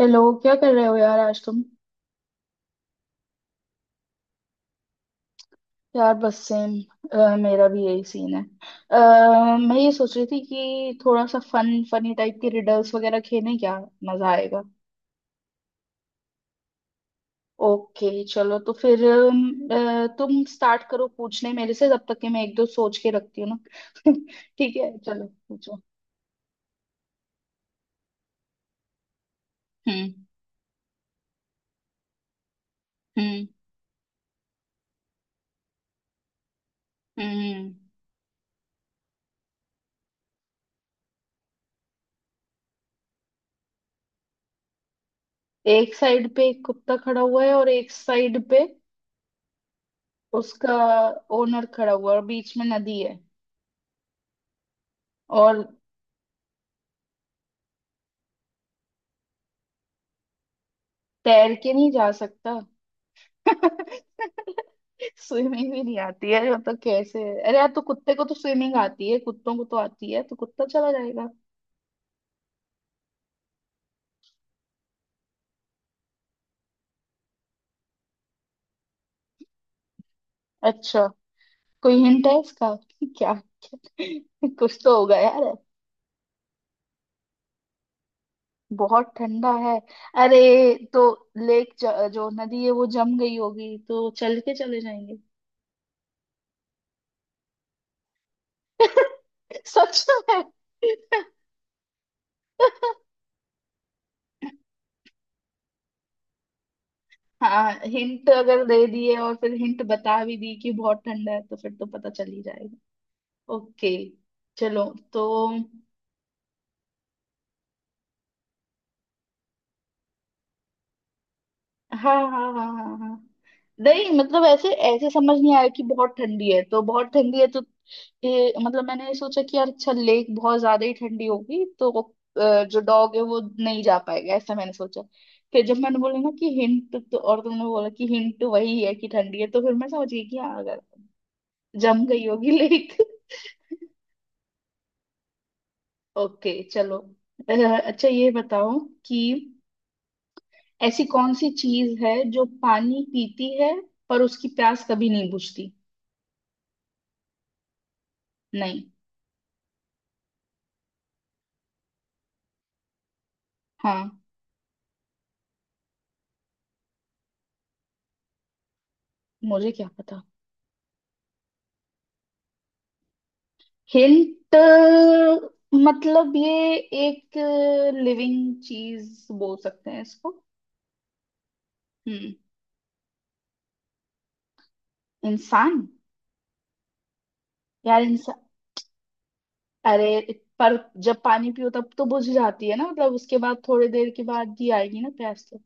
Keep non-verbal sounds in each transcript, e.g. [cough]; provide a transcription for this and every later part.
Hello, क्या कर रहे हो यार आज तुम? यार बस सेम। मेरा भी यही सीन है। अ, मैं ये सोच रही थी कि थोड़ा सा फन फनी टाइप के रिडल्स वगैरह खेलें क्या? मजा आएगा। ओके चलो तो फिर तुम स्टार्ट करो पूछने मेरे से जब तक कि मैं एक दो सोच के रखती हूँ ना। [laughs] ठीक है, चलो पूछो। हम्म हम्म हम्म। एक साइड पे एक कुत्ता खड़ा हुआ है और एक साइड पे उसका ओनर खड़ा हुआ है और बीच में नदी है। और तैर के नहीं जा सकता। [laughs] स्विमिंग भी नहीं आती है मतलब कैसे? अरे यार, तो कुत्ते को तो स्विमिंग आती है, कुत्तों को तो आती है तो कुत्ता चला जाएगा। अच्छा, कोई हिंट है इसका [laughs] क्या? [laughs] कुछ तो होगा यार। बहुत ठंडा है। अरे, तो लेक जो नदी है वो जम गई होगी तो चल के चले जाएंगे। [laughs] सच में। हाँ, हिंट अगर दे दिए और फिर हिंट बता भी दी कि बहुत ठंडा है तो फिर तो पता चल ही जाएगा। ओके चलो तो। हाँ हाँ हाँ हाँ हाँ हाँ। नहीं मतलब ऐसे ऐसे समझ नहीं आया कि बहुत ठंडी है तो, बहुत ठंडी है तो ये मतलब मैंने सोचा कि यार अच्छा लेक बहुत ज्यादा ही ठंडी होगी तो जो डॉग है वो नहीं जा पाएगा, ऐसा मैंने सोचा। फिर जब मैंने बोला ना कि हिंट, तो और तुमने बोला कि हिंट वही है कि ठंडी है, तो फिर मैं समझ गई कि हाँ अगर जम गई होगी लेक। [laughs] ओके चलो। अ, अच्छा ये बताओ कि ऐसी कौन सी चीज है जो पानी पीती है पर उसकी प्यास कभी नहीं बुझती? नहीं। हाँ। मुझे क्या पता। हिंट। मतलब ये एक लिविंग चीज बोल सकते हैं इसको। हम्म। इंसान? यार इंसान। अरे, पर जब पानी पियो तब तो बुझ जाती है ना, मतलब उसके बाद थोड़े देर के बाद ही आएगी ना प्यास तो।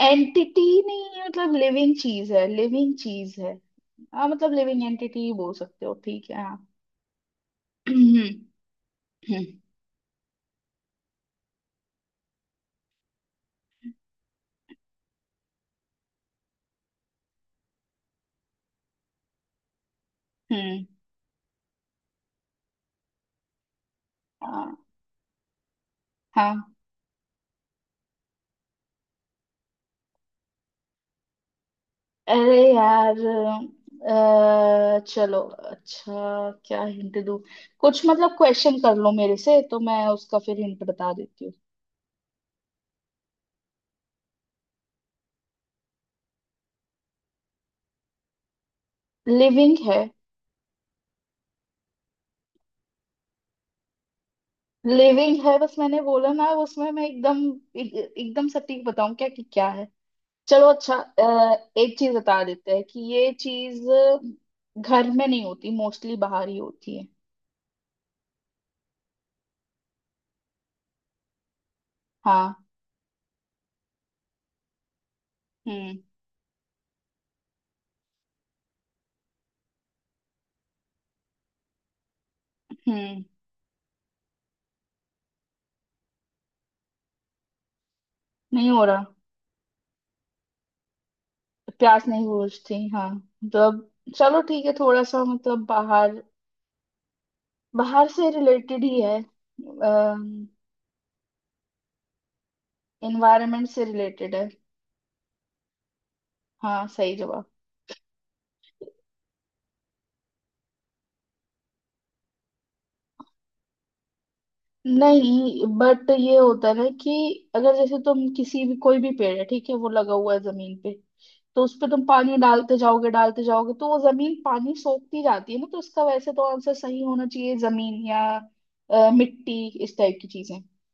एंटिटी नहीं है, मतलब लिविंग चीज है, लिविंग चीज है। हाँ, मतलब लिविंग एंटिटी बोल सकते हो, ठीक है हाँ। [clears throat] हम्म, हम्म। हाँ हाँ। अरे यार, चलो अच्छा, क्या हिंट दूँ? कुछ मतलब क्वेश्चन कर लो मेरे से तो मैं उसका फिर हिंट बता देती हूँ। लिविंग है, लिविंग है, बस मैंने बोला ना, उसमें मैं एकदम एकदम सटीक बताऊं क्या कि क्या है? चलो अच्छा, एक चीज बता देते हैं कि ये चीज घर में नहीं होती, मोस्टली बाहर ही होती है। हाँ, हम्म हम्म। नहीं हो रहा। प्यास नहीं बुझती, हाँ। तो अब, चलो ठीक है थोड़ा सा मतलब बाहर बाहर से रिलेटेड ही है। एनवायरनमेंट से रिलेटेड है। हाँ सही जवाब। नहीं बट ये होता है ना कि अगर जैसे तुम किसी भी कोई भी पेड़ है ठीक है वो लगा हुआ है जमीन पे, तो उस पे तुम पानी डालते जाओगे तो वो जमीन पानी सोखती जाती है ना, तो इसका वैसे तो आंसर सही होना चाहिए जमीन या मिट्टी इस टाइप की चीजें, है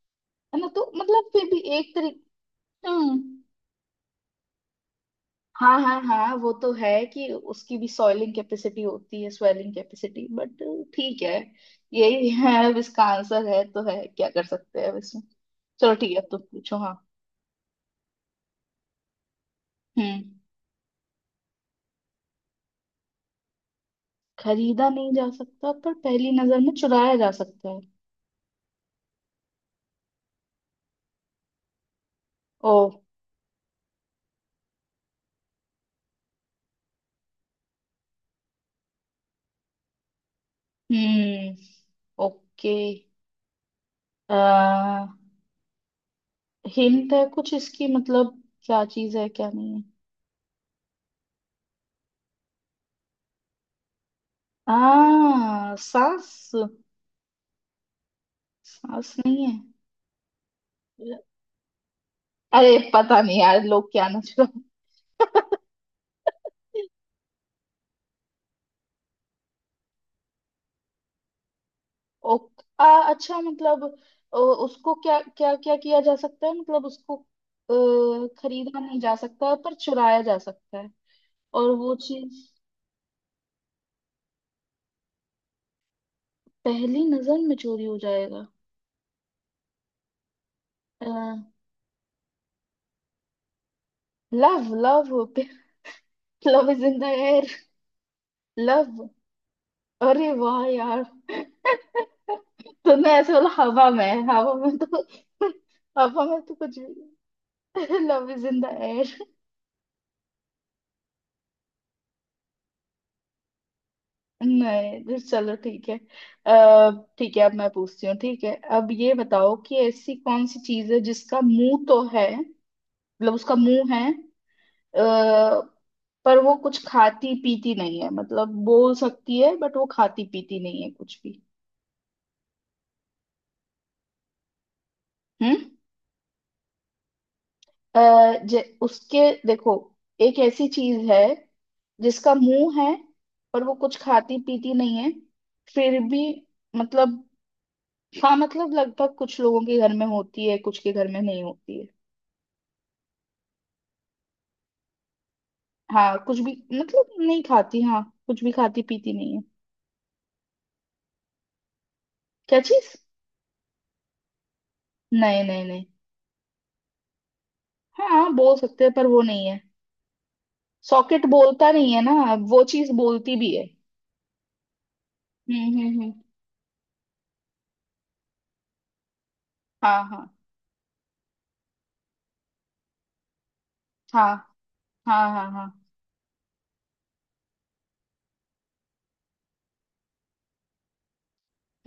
ना, तो मतलब फिर भी एक तरीके। हाँ हाँ हाँ, वो तो है कि उसकी भी सॉइलिंग कैपेसिटी होती है, स्वेलिंग कैपेसिटी, बट ठीक है। यही है अब इसका आंसर है तो है, क्या कर सकते हैं अब इसमें। चलो ठीक है, अब तुम पूछो, हाँ। हम्म। खरीदा नहीं जा सकता पर पहली नजर में चुराया जा सकता है। ओ। हम्म। ओके। आ, हिंट है कुछ इसकी, मतलब क्या चीज है, क्या नहीं है? सांस? सांस नहीं है? अरे पता नहीं यार लोग क्या ना। ओ, आ, अच्छा मतलब उसको क्या क्या क्या किया जा सकता है, मतलब उसको खरीदा नहीं जा सकता पर चुराया जा सकता है? और वो चीज पहली नजर में चोरी हो जाएगा? Love, love! [laughs] Love is in the air. Love. अरे वाह यार। तुमने ऐसे बोला हवा में है। हवा में तो [laughs] हवा में तो कुछ भी। [laughs] Love is in the air. नहीं, तो चलो ठीक है। अह, ठीक है अब मैं पूछती हूँ, ठीक है अब ये बताओ कि ऐसी कौन सी चीज है जिसका मुंह तो है, मतलब उसका मुंह है, अह, पर वो कुछ खाती पीती नहीं है, मतलब बोल सकती है बट वो खाती पीती नहीं है कुछ भी। हम्म। उसके देखो, एक ऐसी चीज है जिसका मुंह है पर वो कुछ खाती पीती नहीं है फिर भी, मतलब हाँ, मतलब लगभग कुछ लोगों के घर में होती है, कुछ के घर में नहीं होती है। हाँ, कुछ भी मतलब नहीं खाती, हाँ कुछ भी खाती पीती नहीं है। क्या चीज? नहीं नहीं नहीं। हाँ बोल सकते हैं, पर वो नहीं है। सॉकेट बोलता नहीं है ना। वो चीज बोलती भी है। हम्म। हाँ हाँ हाँ। हाँ हाँ हाँ।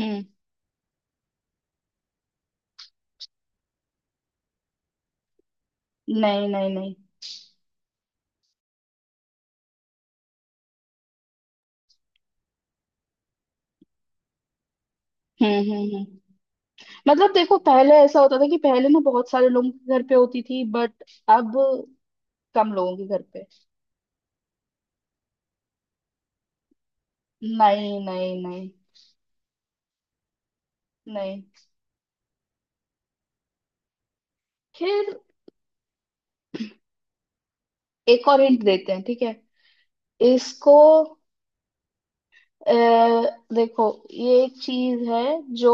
हम्म। नहीं नहीं नहीं। हम्म। मतलब देखो, पहले ऐसा होता था कि पहले ना बहुत सारे लोगों के घर पे होती थी, बट अब कम लोगों के घर पे। नहीं नहीं नहीं नहीं। फिर एक और हिंट देते हैं ठीक है, इसको अ, देखो ये एक चीज है, जो,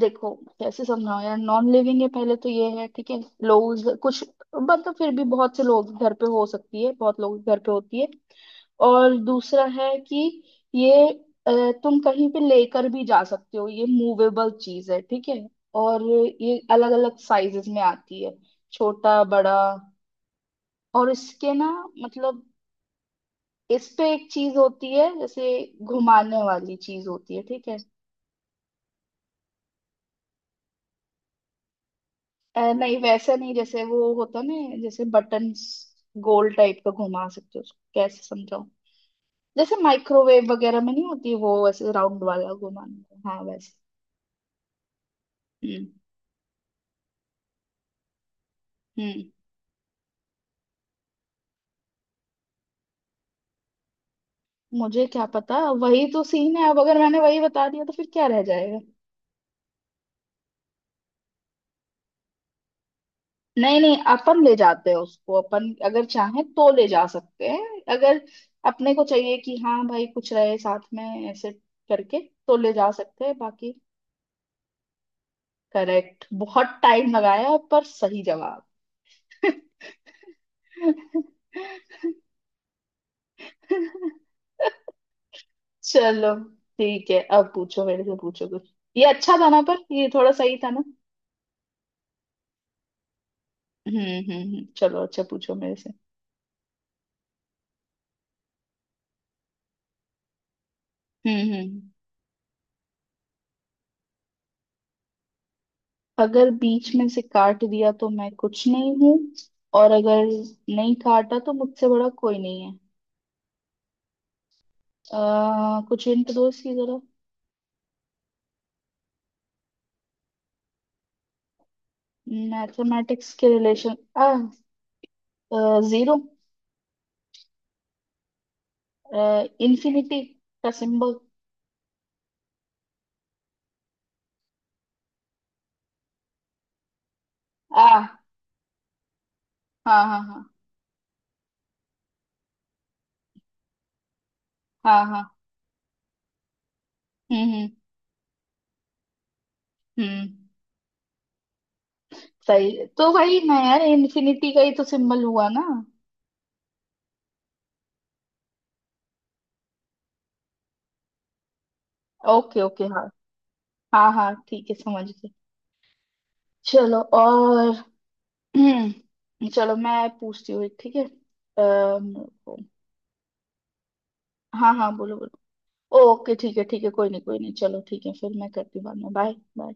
देखो कैसे समझाओ यार, नॉन लिविंग है पहले तो ये है ठीक है, लोग कुछ मतलब फिर भी बहुत से लोग घर पे हो सकती है, बहुत लोग घर पे होती है, और दूसरा है कि ये अ, तुम कहीं पे लेकर भी जा सकते हो, ये मूवेबल चीज है ठीक है, और ये अलग अलग साइजेस में आती है, छोटा बड़ा, और इसके ना मतलब इस पे एक चीज होती है, जैसे घुमाने वाली चीज होती है ठीक है। नहीं वैसा नहीं, जैसे वो होता ना, जैसे बटन्स, गोल टाइप का घुमा सकते हो उसको, कैसे समझाऊं, जैसे माइक्रोवेव वगैरह में नहीं होती वो वैसे राउंड वाला घुमाने का, हाँ वैसे। हम्म हम्म। मुझे क्या पता, वही तो सीन है अब, अगर मैंने वही बता दिया तो फिर क्या रह जाएगा? नहीं नहीं, अपन ले जाते हैं उसको, अपन अगर चाहें तो ले जा सकते हैं, अगर अपने को चाहिए कि हाँ भाई कुछ रहे साथ में, ऐसे करके तो ले जा सकते हैं बाकी। करेक्ट, बहुत टाइम लगाया है, पर सही जवाब। चलो ठीक है, अब पूछो मेरे से, पूछो कुछ, ये अच्छा था ना पर, ये थोड़ा सही था ना। हम्म चलो अच्छा पूछो मेरे से। हम्म। अगर बीच में से काट दिया तो मैं कुछ नहीं हूँ, और अगर नहीं काटा तो मुझसे बड़ा कोई नहीं है। कुछ हिंट दो इसकी जरा। मैथमेटिक्स के रिलेशन? जीरो? इन्फिनिटी का सिंबल? आ हाँ हाँ हाँ हाँ हाँ। हम्म हम्म हम्म। सही है। तो वही ना यार, इन्फिनिटी का ही तो सिंबल हुआ ना। ओके ओके हाँ। हाँ हाँ ठीक है, समझ गई। चलो और। [clears throat] चलो मैं पूछती हूँ एक, ठीक है रुको। हाँ हाँ, बोलो बोलो। ओके ठीक है, ठीक है कोई नहीं, कोई नहीं चलो ठीक है, फिर मैं करती हूँ बाद में, बाय बाय।